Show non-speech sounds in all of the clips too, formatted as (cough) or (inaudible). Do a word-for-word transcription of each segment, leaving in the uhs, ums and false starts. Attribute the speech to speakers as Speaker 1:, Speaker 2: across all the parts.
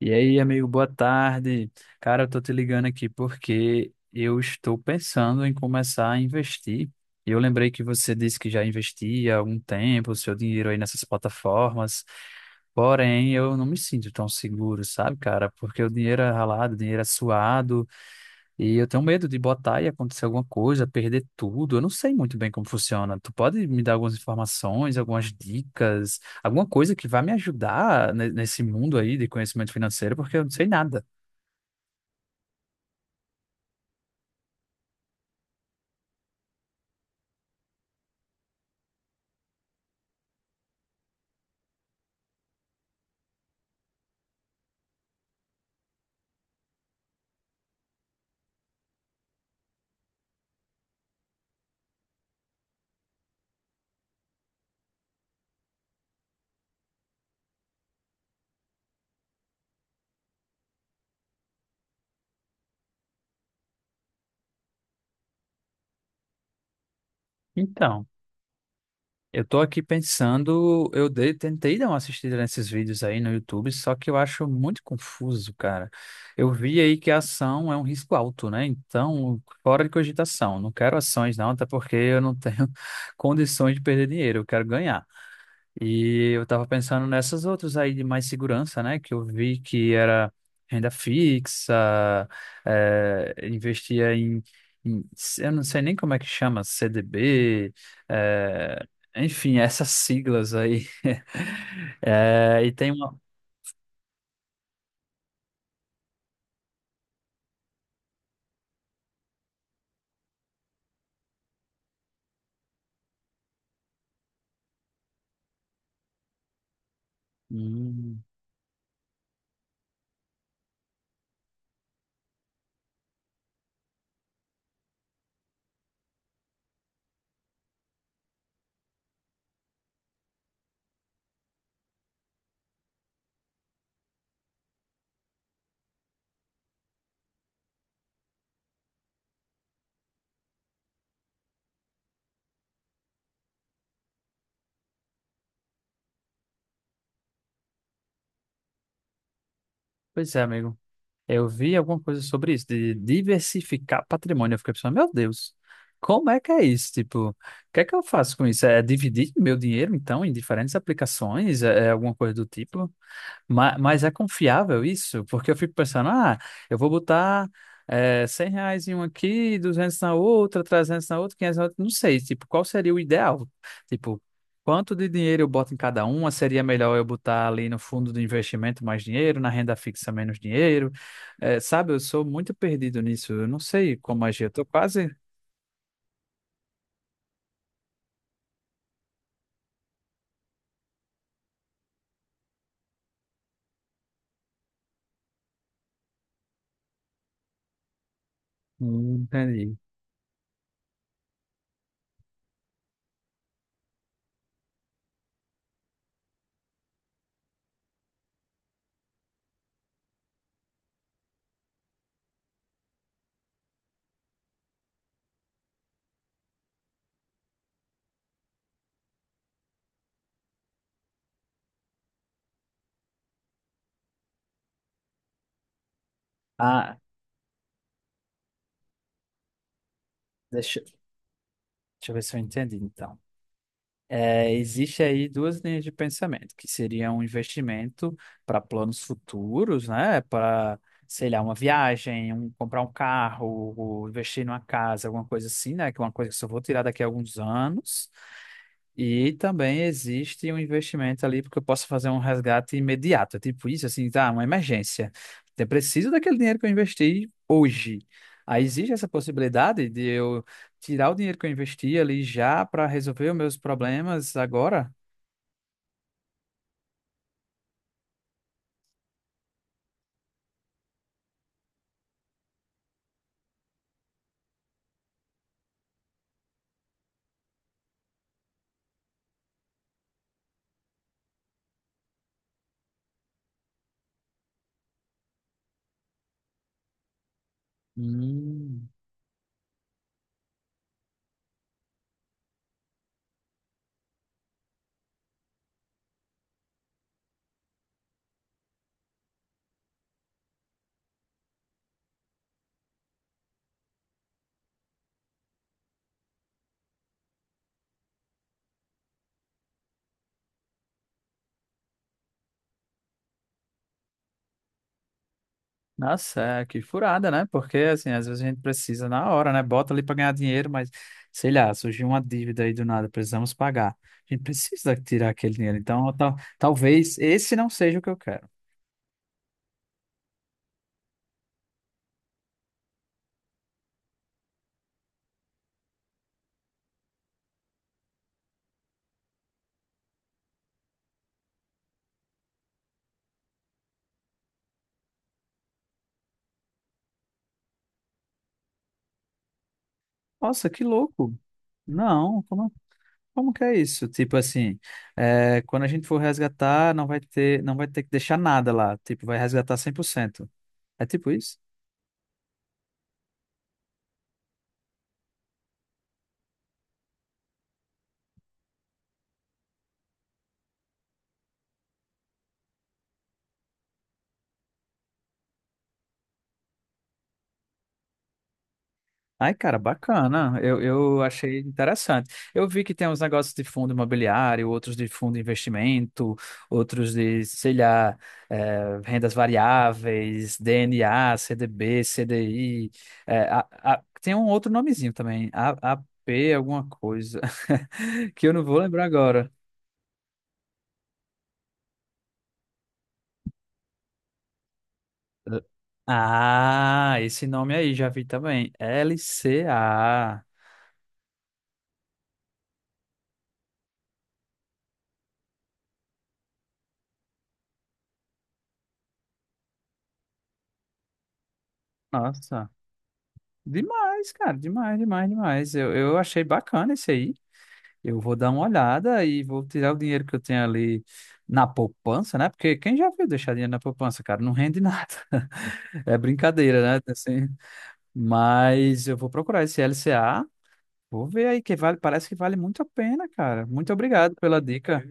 Speaker 1: E aí, amigo, boa tarde. Cara, eu tô te ligando aqui porque eu estou pensando em começar a investir. E Eu lembrei que você disse que já investia há algum tempo o seu dinheiro aí nessas plataformas. Porém, eu não me sinto tão seguro, sabe, cara? Porque o dinheiro é ralado, o dinheiro é suado. E eu tenho medo de botar e acontecer alguma coisa, perder tudo. Eu não sei muito bem como funciona. Tu pode me dar algumas informações, algumas dicas, alguma coisa que vá me ajudar ne- nesse mundo aí de conhecimento financeiro, porque eu não sei nada. Então, eu tô aqui pensando, eu dei, tentei dar uma assistida nesses vídeos aí no YouTube, só que eu acho muito confuso, cara. Eu vi aí que a ação é um risco alto, né? Então, fora de cogitação. Não quero ações, não, até porque eu não tenho (laughs) condições de perder dinheiro, eu quero ganhar. E eu tava pensando nessas outras aí de mais segurança, né? Que eu vi que era renda fixa, eh, investia em, em- eu não sei nem como é que chama, C D B, eh, enfim, (laughs) essas siglas aí. (laughs) Eh, e tem uma. Hum, pois é, amigo. Eu vi alguma coisa sobre isso, de diversificar patrimônio. Eu fiquei pensando, meu Deus, como é que é isso? Tipo, o que é que eu faço com isso? É dividir meu dinheiro, então, em diferentes aplicações? É é alguma coisa do tipo? Ma- Mas, é confiável isso? Porque eu fico pensando, ah, eu vou botar eh, cem reais em um aqui, duzentos na outra, trezentos na outra, quinhentos na outra, não sei, tipo, qual seria o ideal? Tipo, quanto de dinheiro eu boto em cada uma? Seria melhor eu botar ali no fundo do investimento mais dinheiro, na renda fixa menos dinheiro? Eh, sabe, eu sou muito perdido nisso, eu não sei como agir, eu tô quase... Hum, entendi. Ah, deixa, deixa eu ver se eu entendi, então. É, existe aí duas linhas de pensamento, que seria um investimento para planos futuros, né? Para, sei lá, uma viagem, um, comprar um carro, ou investir numa casa, alguma coisa assim, né? Que é uma coisa que eu só vou tirar daqui a alguns anos. E também existe um investimento ali, porque eu posso fazer um resgate imediato. É tipo isso, assim, tá, uma emergência. Eu preciso daquele dinheiro que eu investi hoje. Aí existe essa possibilidade de eu tirar o dinheiro que eu investi ali já para resolver os meus problemas agora? Hum, nossa, é, que furada, né? Porque, assim, às vezes a gente precisa na hora, né? Bota ali para ganhar dinheiro, mas, sei lá, surgiu uma dívida aí do nada, precisamos pagar. A gente precisa tirar aquele dinheiro. Então, tal- talvez esse não seja o que eu quero. Nossa, que louco! Não, como, como que é isso? Tipo assim, é, quando a gente for resgatar, não vai ter, não vai ter que deixar nada lá. Tipo, vai resgatar cem por cento. É tipo isso? Ai, cara, bacana. Eu, eu achei interessante. Eu vi que tem uns negócios de fundo imobiliário, outros de fundo de investimento, outros de, sei lá, eh, rendas variáveis, D N A, C D B, C D I. eh, a- a- tem um outro nomezinho também, A- AP, alguma coisa, (laughs) que eu não vou lembrar agora. Eh, Ah, esse nome aí, já vi também. L C A. Nossa. Demais, cara, demais, demais, demais. Eu, eu achei bacana isso aí. Eu vou dar uma olhada e vou tirar o dinheiro que eu tenho ali na poupança, né? Porque quem já viu deixar dinheiro na poupança, cara, não rende nada. (laughs) É brincadeira, né? Assim, mas eu vou procurar esse L C A, vou ver aí que vale, parece que vale muito a pena, cara. Muito obrigado pela dica.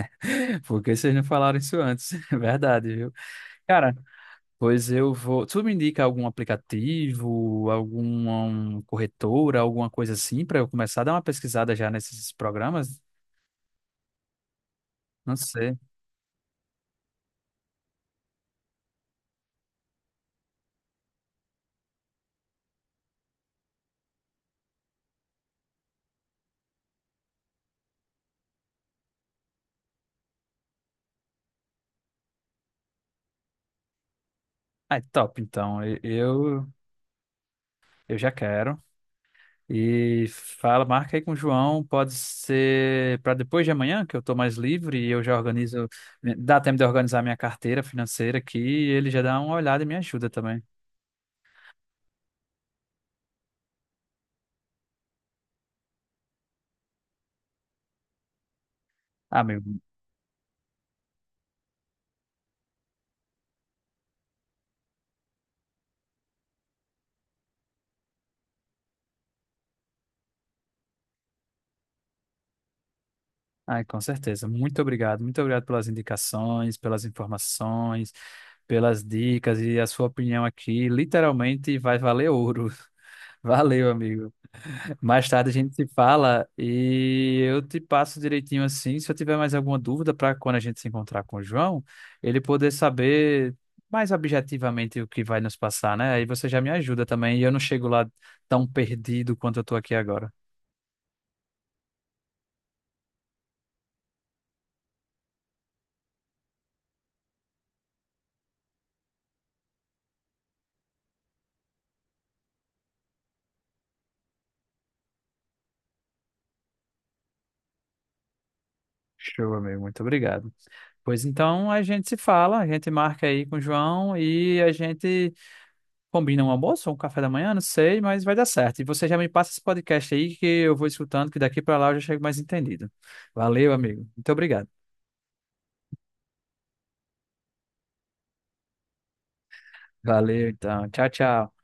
Speaker 1: (laughs) Porque vocês não falaram isso antes, (laughs) é verdade, viu? Cara, pois eu vou. Tu me indica algum aplicativo, alguma um, corretora, alguma coisa assim, para eu começar a dar uma pesquisada já nesses programas? Não sei. Ah, é top, então. E- Eu, eu já quero. E fala, marca aí com o João, pode ser para depois de amanhã, que eu estou mais livre e eu já organizo. Dá tempo de organizar minha carteira financeira aqui e ele já dá uma olhada e me ajuda também. Ah, meu, ai, com certeza. Muito obrigado. Muito obrigado pelas indicações, pelas informações, pelas dicas e a sua opinião aqui. Literalmente vai valer ouro. (laughs) Valeu, amigo. Mais tarde a gente se fala e eu te passo direitinho assim. Se eu tiver mais alguma dúvida para quando a gente se encontrar com o João, ele poder saber mais objetivamente o que vai nos passar, né? Aí você já me ajuda também e eu não chego lá tão perdido quanto eu tô aqui agora. Show, amigo. Muito obrigado. Pois então a gente se fala, a gente marca aí com o João e a gente combina um almoço ou um café da manhã, não sei, mas vai dar certo. E você já me passa esse podcast aí que eu vou escutando, que daqui para lá eu já chego mais entendido. Valeu, amigo. Muito obrigado. Valeu, então. Tchau, tchau.